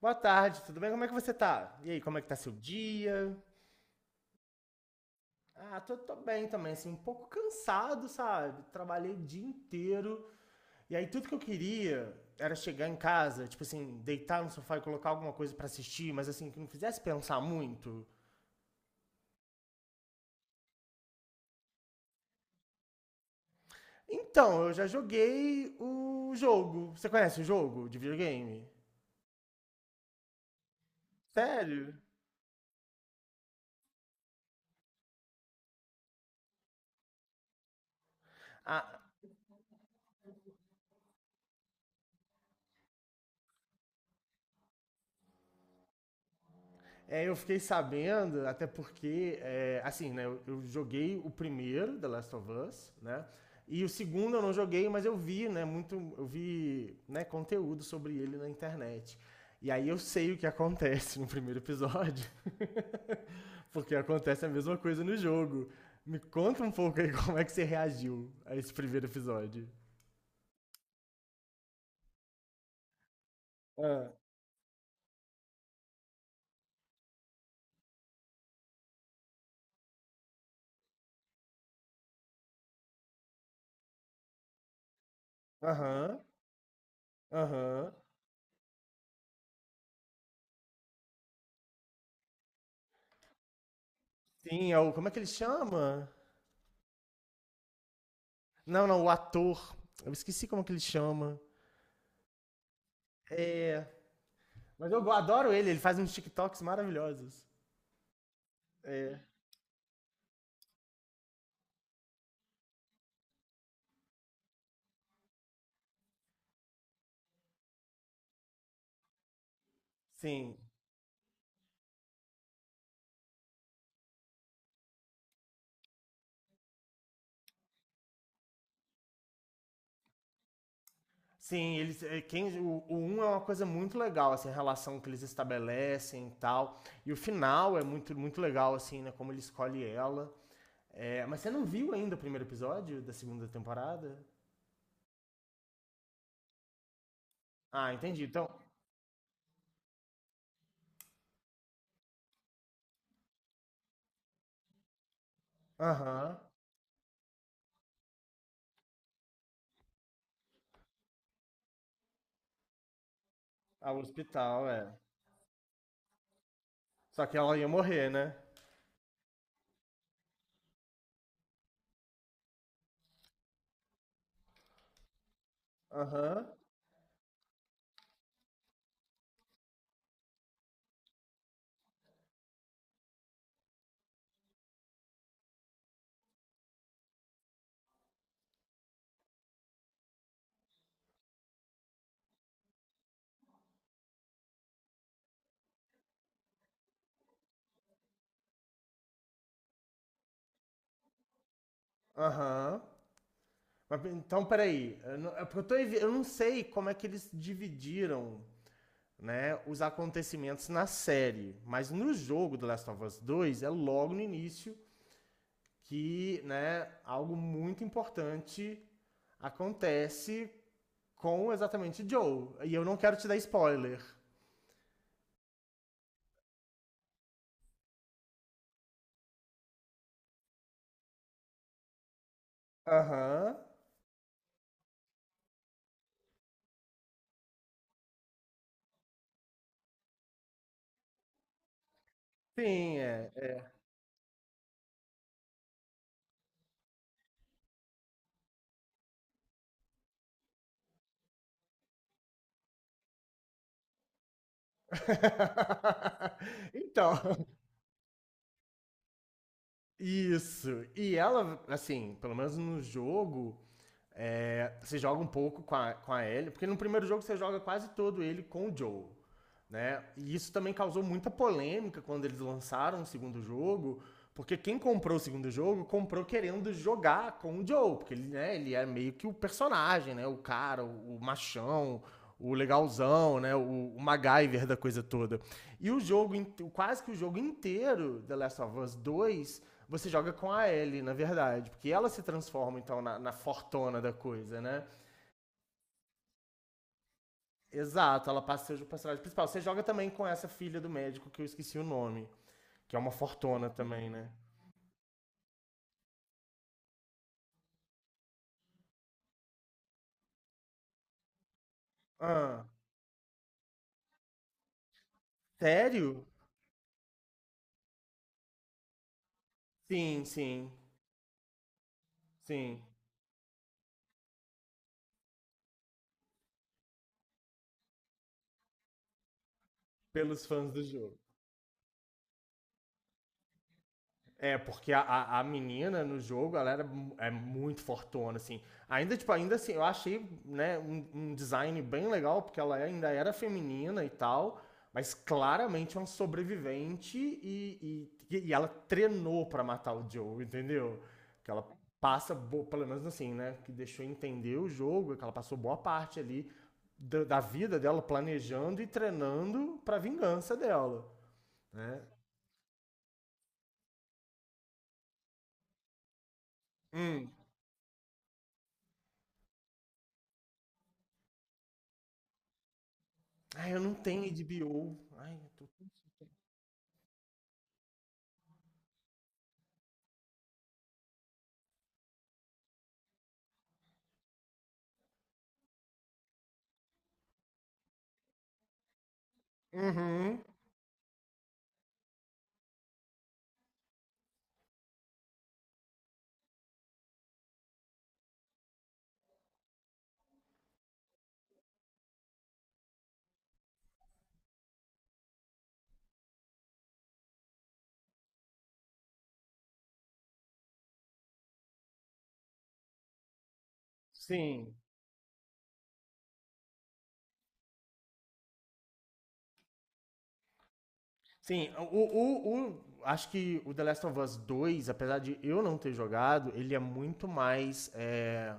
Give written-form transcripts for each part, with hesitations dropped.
Boa tarde, tudo bem? Como é que você tá? E aí, como é que tá seu dia? Ah, tô bem também, assim, um pouco cansado, sabe? Trabalhei o dia inteiro. E aí, tudo que eu queria era chegar em casa, tipo assim, deitar no sofá e colocar alguma coisa pra assistir, mas assim, que não fizesse pensar muito. Então, eu já joguei o jogo. Você conhece o jogo de videogame? Sério? Ah, é, eu fiquei sabendo, até porque, é, assim, né, eu joguei o primeiro, The Last of Us, né? E o segundo eu não joguei, mas eu vi, né, muito, eu vi, né, conteúdo sobre ele na internet. E aí eu sei o que acontece no primeiro episódio, porque acontece a mesma coisa no jogo. Me conta um pouco aí como é que você reagiu a esse primeiro episódio. Ah, aham, aham. Sim, é o, como é que ele chama? Não, não, o ator. Eu esqueci como é que ele chama. É. Mas eu adoro ele, ele faz uns TikToks maravilhosos. É, sim. Sim, eles, é, quem, o 1 é uma coisa muito legal, assim, a relação que eles estabelecem e tal. E o final é muito, muito legal, assim, né? Como ele escolhe ela. É, mas você não viu ainda o primeiro episódio da segunda temporada? Ah, entendi. Então. Aham. Ao hospital, é. Só que ela ia morrer, né? Aham. Aham. Mas, então, peraí. Eu não, é porque eu, eu não sei como é que eles dividiram, né, os acontecimentos na série. Mas no jogo do Last of Us 2, é logo no início que, né, algo muito importante acontece com exatamente Joel. E eu não quero te dar spoiler. Aham. Uhum. Sim, é. Então. Isso. E ela, assim, pelo menos no jogo, é, você joga um pouco com a Ellie, porque no primeiro jogo você joga quase todo ele com o Joel, né? E isso também causou muita polêmica quando eles lançaram o segundo jogo, porque quem comprou o segundo jogo comprou querendo jogar com o Joel, porque ele, né, ele é meio que o personagem, né? O cara, o machão, o legalzão, né? O MacGyver da coisa toda. E o jogo, quase que o jogo inteiro, The Last of Us dois você joga com a Ellie, na verdade, porque ela se transforma, então, na fortona da coisa, né? Exato, ela passa a ser o personagem principal. Você joga também com essa filha do médico, que eu esqueci o nome, que é uma fortona também, né? Ah, sério? Sim, sim, sim. Pelos fãs do jogo. É, porque a menina no jogo, ela era, é muito fortona, assim. Ainda, tipo, ainda assim, eu achei, né, um design bem legal, porque ela ainda era feminina e tal, mas claramente é uma sobrevivente e ela treinou pra matar o Joe, entendeu? Que ela pelo menos assim, né, que deixou entender o jogo, que ela passou boa parte ali da vida dela planejando e treinando pra vingança dela, né? Hum. Ai, eu não tenho HBO. Ai, eu tô... Uhum. Sim. Sim, acho que o The Last of Us dois, apesar de eu não ter jogado, ele é muito mais. É,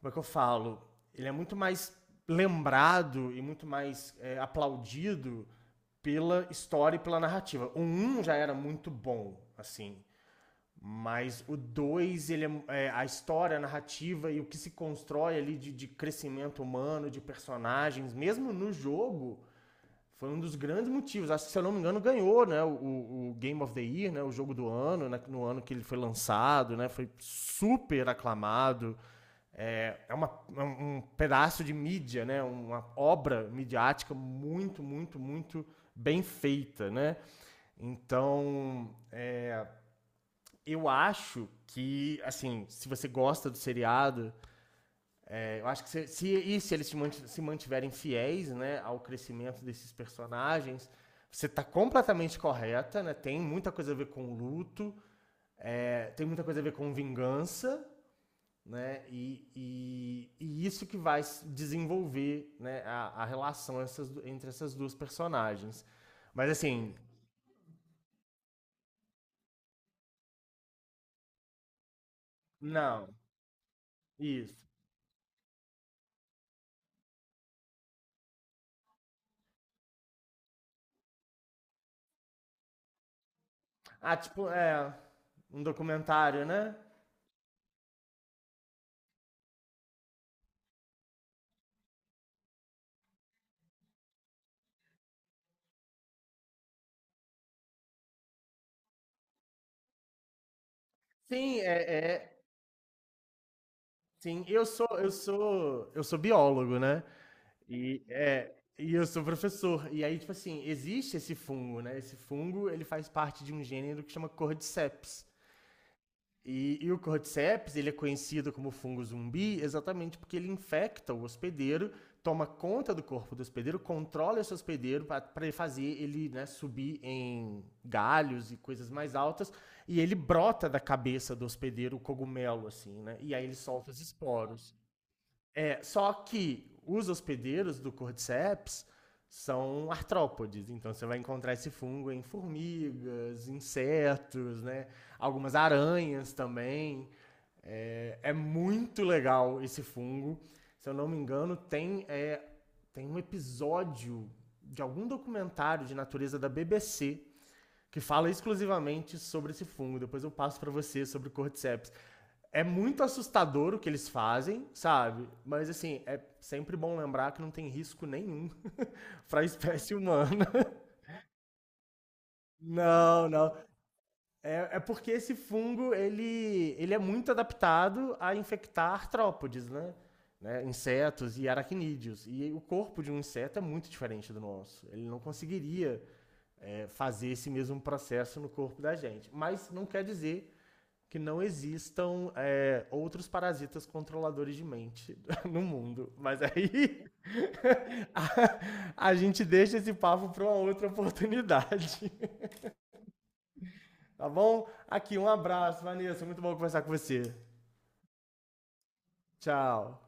como é que eu falo? Ele é muito mais lembrado e muito mais aplaudido pela história e pela narrativa. O um já era muito bom, assim. Mas o 2 ele é, a história, a narrativa e o que se constrói ali de crescimento humano, de personagens, mesmo no jogo, foi um dos grandes motivos. Acho que, se eu não me engano, ganhou, né, o Game of the Year, né, o jogo do ano, né, no ano que ele foi lançado, né, foi super aclamado. É, é uma, é um pedaço de mídia, né, uma obra midiática muito, muito, muito bem feita. Né? Então, eu acho que, assim, se você gosta do seriado, é, eu acho que se, e se eles se mantiverem fiéis, né, ao crescimento desses personagens, você tá completamente correta, né? Tem muita coisa a ver com luto, tem muita coisa a ver com vingança, né? E isso que vai desenvolver, né, a relação essas entre essas duas personagens. Mas assim, não, isso. Ah, tipo, é um documentário, né? Sim, é, sim. Eu sou biólogo, né? E é, e eu sou professor. E aí, tipo assim, existe esse fungo, né? Esse fungo, ele faz parte de um gênero que chama Cordyceps. E o cordyceps, ele é conhecido como fungo zumbi exatamente porque ele infecta o hospedeiro, toma conta do corpo do hospedeiro, controla esse hospedeiro para fazer ele, né, subir em galhos e coisas mais altas, e ele brota da cabeça do hospedeiro o cogumelo, assim, né? E aí ele solta os esporos. É, só que os hospedeiros do Cordyceps são artrópodes, então você vai encontrar esse fungo em formigas, insetos, né? Algumas aranhas também. É muito legal esse fungo. Se eu não me engano, tem um episódio de algum documentário de natureza da BBC que fala exclusivamente sobre esse fungo. Depois eu passo para você sobre o Cordyceps. É muito assustador o que eles fazem, sabe? Mas assim, é sempre bom lembrar que não tem risco nenhum para a espécie humana. Não, não. É porque esse fungo, ele é muito adaptado a infectar artrópodes, né? Insetos e aracnídeos. E o corpo de um inseto é muito diferente do nosso. Ele não conseguiria fazer esse mesmo processo no corpo da gente. Mas não quer dizer que não existam outros parasitas controladores de mente no mundo. Mas aí a gente deixa esse papo para uma outra oportunidade, tá bom? Aqui, um abraço, Vanessa. Muito bom conversar com você. Tchau.